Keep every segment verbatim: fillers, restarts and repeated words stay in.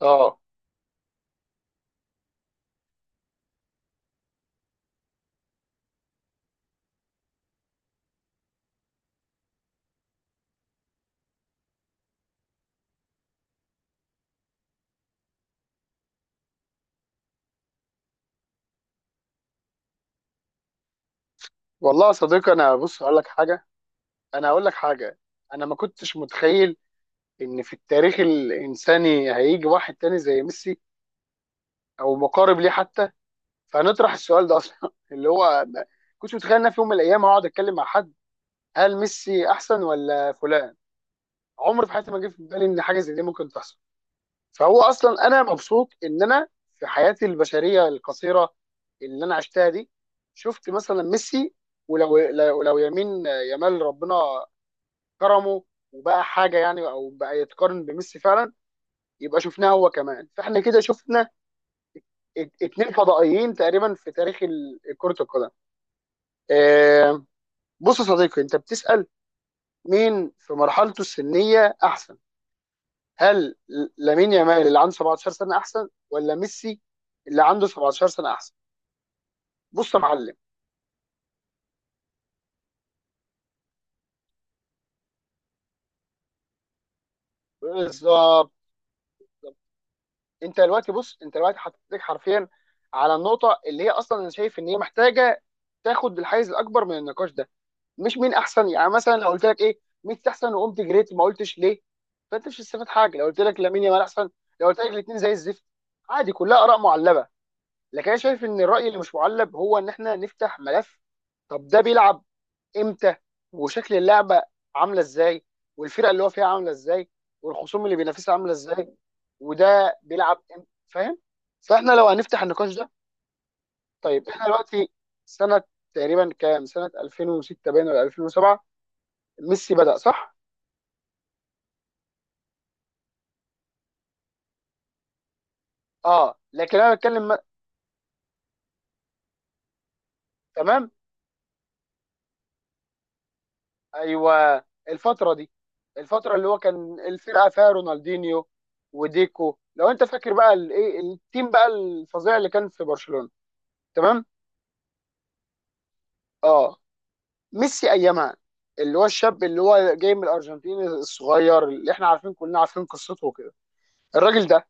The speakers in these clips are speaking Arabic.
اه، والله يا صديقي. انا بص هقول لك حاجه انا هقول لك حاجه. انا ما كنتش متخيل ان في التاريخ الانساني هيجي واحد تاني زي ميسي، او مقارب ليه حتى. فنطرح السؤال ده اصلا اللي هو ما كنتش متخيل ان أنا في يوم من الايام هقعد اتكلم مع حد، هل ميسي احسن ولا فلان. عمري في حياتي ما جه في بالي ان حاجه زي دي ممكن تحصل. فهو اصلا انا مبسوط ان انا في حياتي البشريه القصيره اللي انا عشتها دي شفت مثلا ميسي. ولو لو لو يمين يمال ربنا كرمه، وبقى حاجه يعني، او بقى يتقارن بميسي فعلا، يبقى شفناه هو كمان. فاحنا كده شفنا ات- اتنين فضائيين تقريبا في تاريخ ال- كرة القدم. آه، بص يا صديقي، انت بتسأل مين في مرحلته السنية احسن؟ هل ل- لامين يامال اللي عنده 17 سنة احسن، ولا ميسي اللي عنده 17 سنة احسن؟ بص يا معلم، بالظبط. انت دلوقتي بص انت دلوقتي حطيتك حرفيا على النقطة اللي هي اصلا انا شايف ان هي محتاجة تاخد الحيز الاكبر من النقاش ده. مش مين احسن. يعني مثلا لو قلت لك ايه، ميسي احسن وقمت جريت، ما قلتش ليه. فانت مش هتستفاد حاجه لو قلت لك لامين يامال احسن. لو قلت لك الاثنين زي الزفت، عادي، كلها اراء معلبه. لكن انا شايف ان الراي اللي مش معلب هو ان احنا نفتح ملف. طب ده بيلعب امتى؟ وشكل اللعبه عامله ازاي؟ والفرقه اللي هو فيها عامله ازاي؟ والخصوم اللي بينافسها عامله ازاي؟ وده بيلعب امتى؟ فاهم؟ فاحنا لو هنفتح النقاش ده، طيب احنا دلوقتي سنه تقريبا كام؟ سنه ألفين وسته باين، ولا ألفين وسبعه؟ ميسي بدأ صح؟ اه، لكن انا بتكلم م- تمام. ايوه. الفترة دي، الفترة اللي هو كان الفرقة فيها رونالدينيو وديكو، لو انت فاكر بقى الايه، التيم بقى الفظيع اللي كان في برشلونة، تمام؟ اه. ميسي ايامها اللي هو الشاب اللي هو جاي من الارجنتين الصغير اللي احنا عارفين، كلنا عارفين قصته وكده. الراجل ده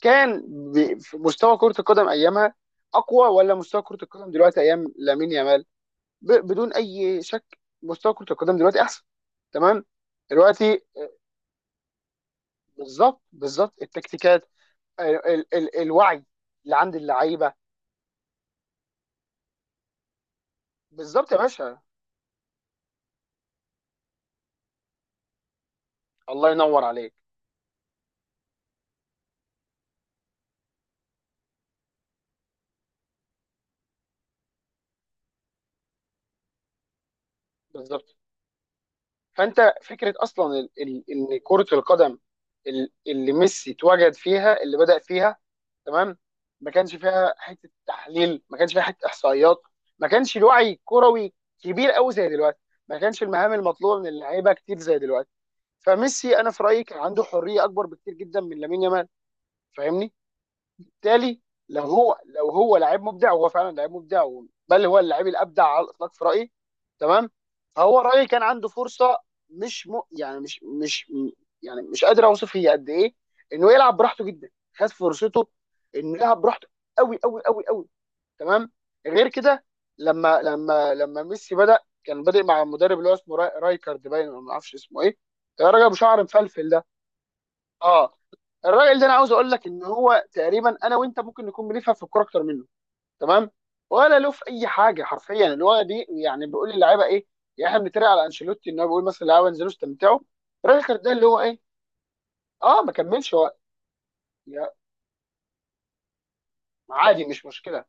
كان بي- في مستوى كرة القدم ايامها اقوى، ولا مستوى كرة القدم دلوقتي ايام لامين يامال؟ ب- بدون اي شك مستوى كره القدم دلوقتي احسن. تمام، دلوقتي بالظبط، بالظبط التكتيكات، ال ال ال الوعي اللي عند اللعيبه. بالظبط يا باشا. الله ينور عليك. بالظبط. فانت فكره اصلا ال- ال- ان كره القدم، ال- اللي ميسي اتوجد فيها، اللي بدأ فيها، تمام، ما كانش فيها حته تحليل، ما كانش فيها حته احصائيات، ما كانش الوعي الكروي كبير قوي زي دلوقتي، ما كانش المهام المطلوبه من اللعيبه كتير زي دلوقتي. فميسي انا في رايي كان عنده حريه اكبر بكتير جدا من لامين يامال. فاهمني؟ بالتالي، لو هو لو هو لاعب مبدع، وهو فعلا لاعب مبدع، و- بل هو اللاعب الابدع على الاطلاق في رايي. تمام. فهو رايي كان عنده فرصه، مش م... يعني مش مش م- يعني مش قادر اوصف هي قد ايه، انه يلعب براحته جدا. خد فرصته انه يلعب براحته قوي قوي قوي قوي. تمام. غير كده، لما لما لما ميسي بدا، كان بادئ مع المدرب اللي هو اسمه راي... رايكارد، باين ولا ما اعرفش اسمه ايه. يا راجل ابو شعر مفلفل ده. اه، الراجل ده انا عاوز اقول لك ان هو تقريبا انا وانت ممكن نكون بنفهم في الكوره اكتر منه. تمام. ولا له في اي حاجه حرفيا، اللي هو دي، يعني بيقول للعيبه ايه؟ يعني احنا بنتريق على انشيلوتي ان هو بيقول مثلا للعيبه انزلوا استمتعوا. الراجل كان ده اللي هو ايه. اه، ما كملش وقت. يا- عادي، مش مشكله.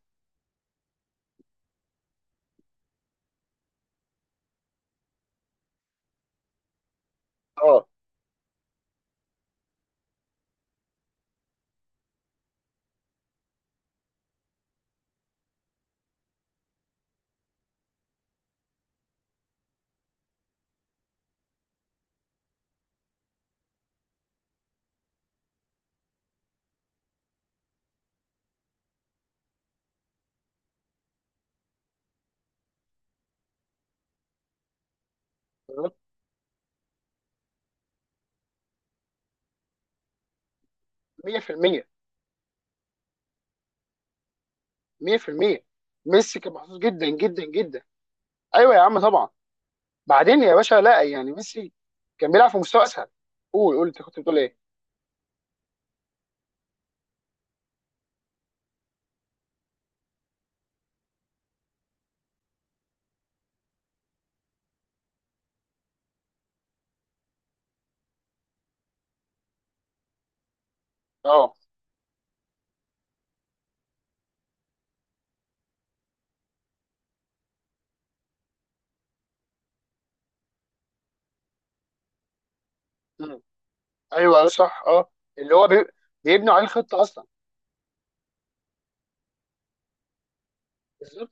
اه، ميه في الميه، ميه في الميه. ميسي كان محظوظ جدا جدا جدا. ايوه يا عم طبعا. بعدين يا باشا، لا، يعني ميسي كان بيلعب في مستوى اسهل. قول قول، انت كنت بتقول ايه؟ اه. ايوه أيوة، صح، اه. اللي هو بي... بيبنوا عليه الخطه اصلا. بالظبط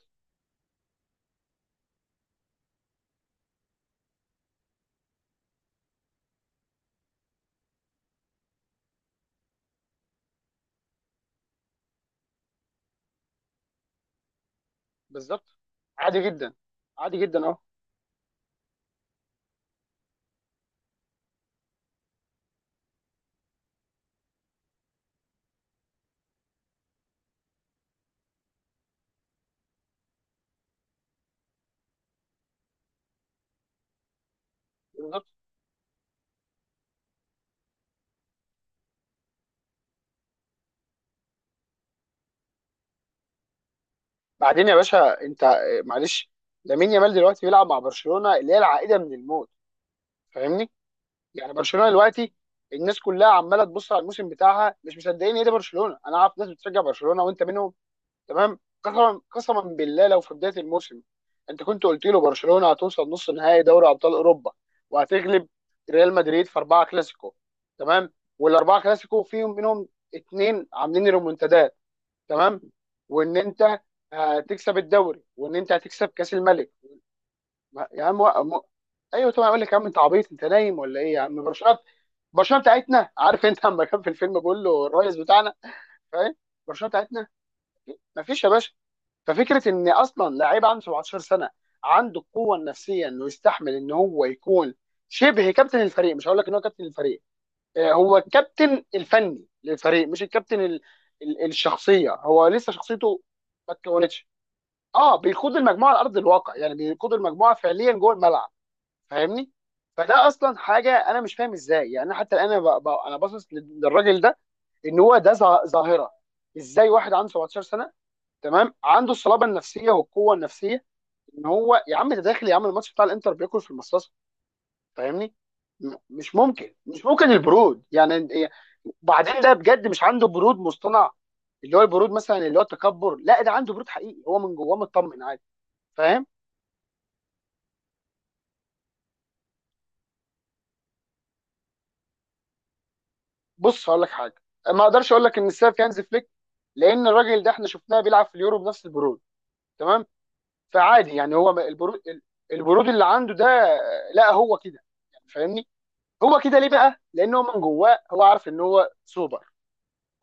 بالظبط. عادي جدا، عادي جدا. اه، بالظبط. بعدين يا باشا، انت آه، معلش، لامين يامال دلوقتي بيلعب مع برشلونه اللي هي العائده من الموت. فاهمني؟ يعني برشلونه دلوقتي الناس كلها عماله تبص على الموسم بتاعها مش مصدقين ايه ده. برشلونه! انا عارف ناس بتشجع برشلونه وانت منهم. تمام. قسما قسما بالله، لو في بدايه الموسم انت كنت قلت له برشلونه هتوصل نص نهائي دوري ابطال اوروبا، وهتغلب ريال مدريد في اربعه كلاسيكو، تمام، والاربعه كلاسيكو فيهم منهم اتنين عاملين ريمونتادات، تمام، وان انت هتكسب الدوري، وان انت هتكسب كاس الملك. ما- يا عم، وق- م... ايوه طبعا، اقول لك يا عم انت عبيط؟ انت نايم ولا ايه يا عم؟ برشلونه، برشلونه بتاعتنا، عارف، انت لما كان في الفيلم بيقول له الرئيس بتاعنا، فاهم؟ برشلونه بتاعتنا. مفيش يا باشا. ففكره ان اصلا لعيب عنده سبعه عشر سنة سنه عنده القوه النفسيه انه يستحمل ان هو يكون شبه كابتن الفريق، مش هقول لك ان هو كابتن الفريق، آه، هو الكابتن الفني للفريق، مش الكابتن ال... ال... الشخصيه. هو لسه شخصيته ما اتكونتش. اه، بيقود المجموعه على ارض الواقع، يعني بيقود المجموعه فعليا جوه الملعب. فاهمني؟ فده اصلا حاجه انا مش فاهم ازاي. يعني حتى الان انا ب... ب... انا باصص للراجل ده ان هو ده ظا- ظاهره. ازاي واحد عنده سبعه عشر سنة سنه، تمام، عنده الصلابه النفسيه والقوه النفسيه ان هو، يا عم ده داخل يا عم الماتش بتاع الانتر بياكل في المصاصه. فاهمني؟ م- مش ممكن، مش ممكن البرود يعني. بعدين ده بجد مش عنده برود مصطنع، اللي هو البرود مثلا اللي هو التكبر، لا، ده عنده برود حقيقي، هو من جواه مطمن عادي. فاهم؟ بص هقول لك حاجه، ما اقدرش اقول لك ان السبب في هانز فليك، لان الراجل ده احنا شفناه بيلعب في اليورو بنفس البرود. تمام. فعادي يعني، هو البرود، البرود اللي عنده ده، لا هو كده يعني. فاهمني؟ هو كده ليه بقى؟ لان هو من جواه هو عارف ان هو سوبر،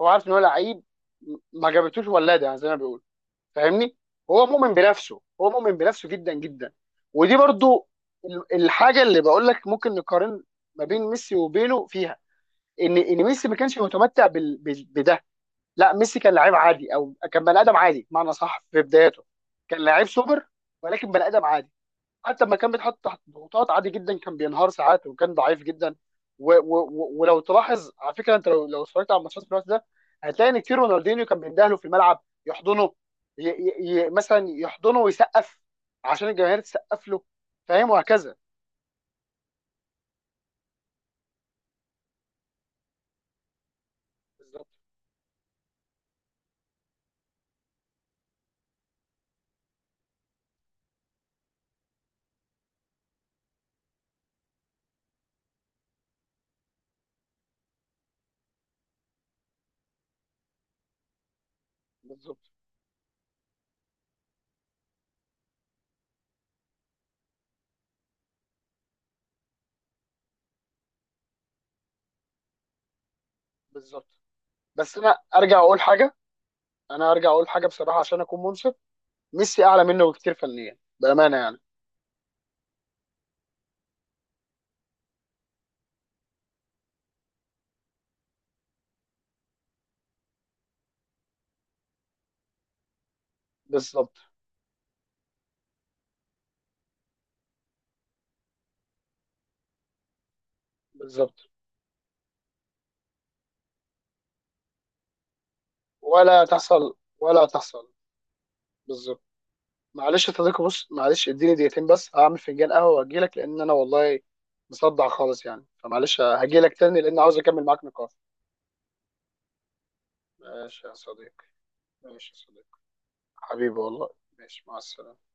هو عارف ان هو لعيب، ما جابتوش ولاده يعني زي ما بيقول. فاهمني؟ هو مؤمن بنفسه، هو مؤمن بنفسه جدا جدا. ودي برضو ال- الحاجه اللي بقول لك ممكن نقارن ما بين ميسي وبينه فيها، ان ان ميسي ما كانش متمتع بال... بال- بده. لا، ميسي كان لعيب عادي او كان بني ادم عادي بمعنى صح في بداياته. كان لعيب سوبر، ولكن بني ادم عادي. حتى لما كان بيتحط تحت ضغوطات عادي جدا كان بينهار ساعات، وكان ضعيف جدا. و و و ولو تلاحظ على فكره، انت لو لو اتفرجت على الماتشات في الوقت ده هتلاقي ان كتير رونالدينيو كان بيندهله في الملعب يحضنه، ي ي ي مثلا يحضنه ويسقف عشان الجماهير تسقف له. فاهم؟ وهكذا. بالظبط بالظبط بالظبط. بس انا ارجع اقول حاجه، انا ارجع اقول حاجه بصراحه، عشان اكون منصف، ميسي اعلى منه بكتير فنيا بامانه يعني. بالظبط بالظبط. ولا تحصل، ولا تحصل. بالظبط. معلش يا صديقي، بص، معلش، اديني دقيقتين بس، هعمل فنجان قهوه واجي لك، لان انا والله مصدع خالص يعني. فمعلش هجي لك تاني، لان عاوز اكمل معاك نقاش. ماشي يا صديقي، ماشي يا صديقي، حبيبي والله. ماشي، مع السلامه.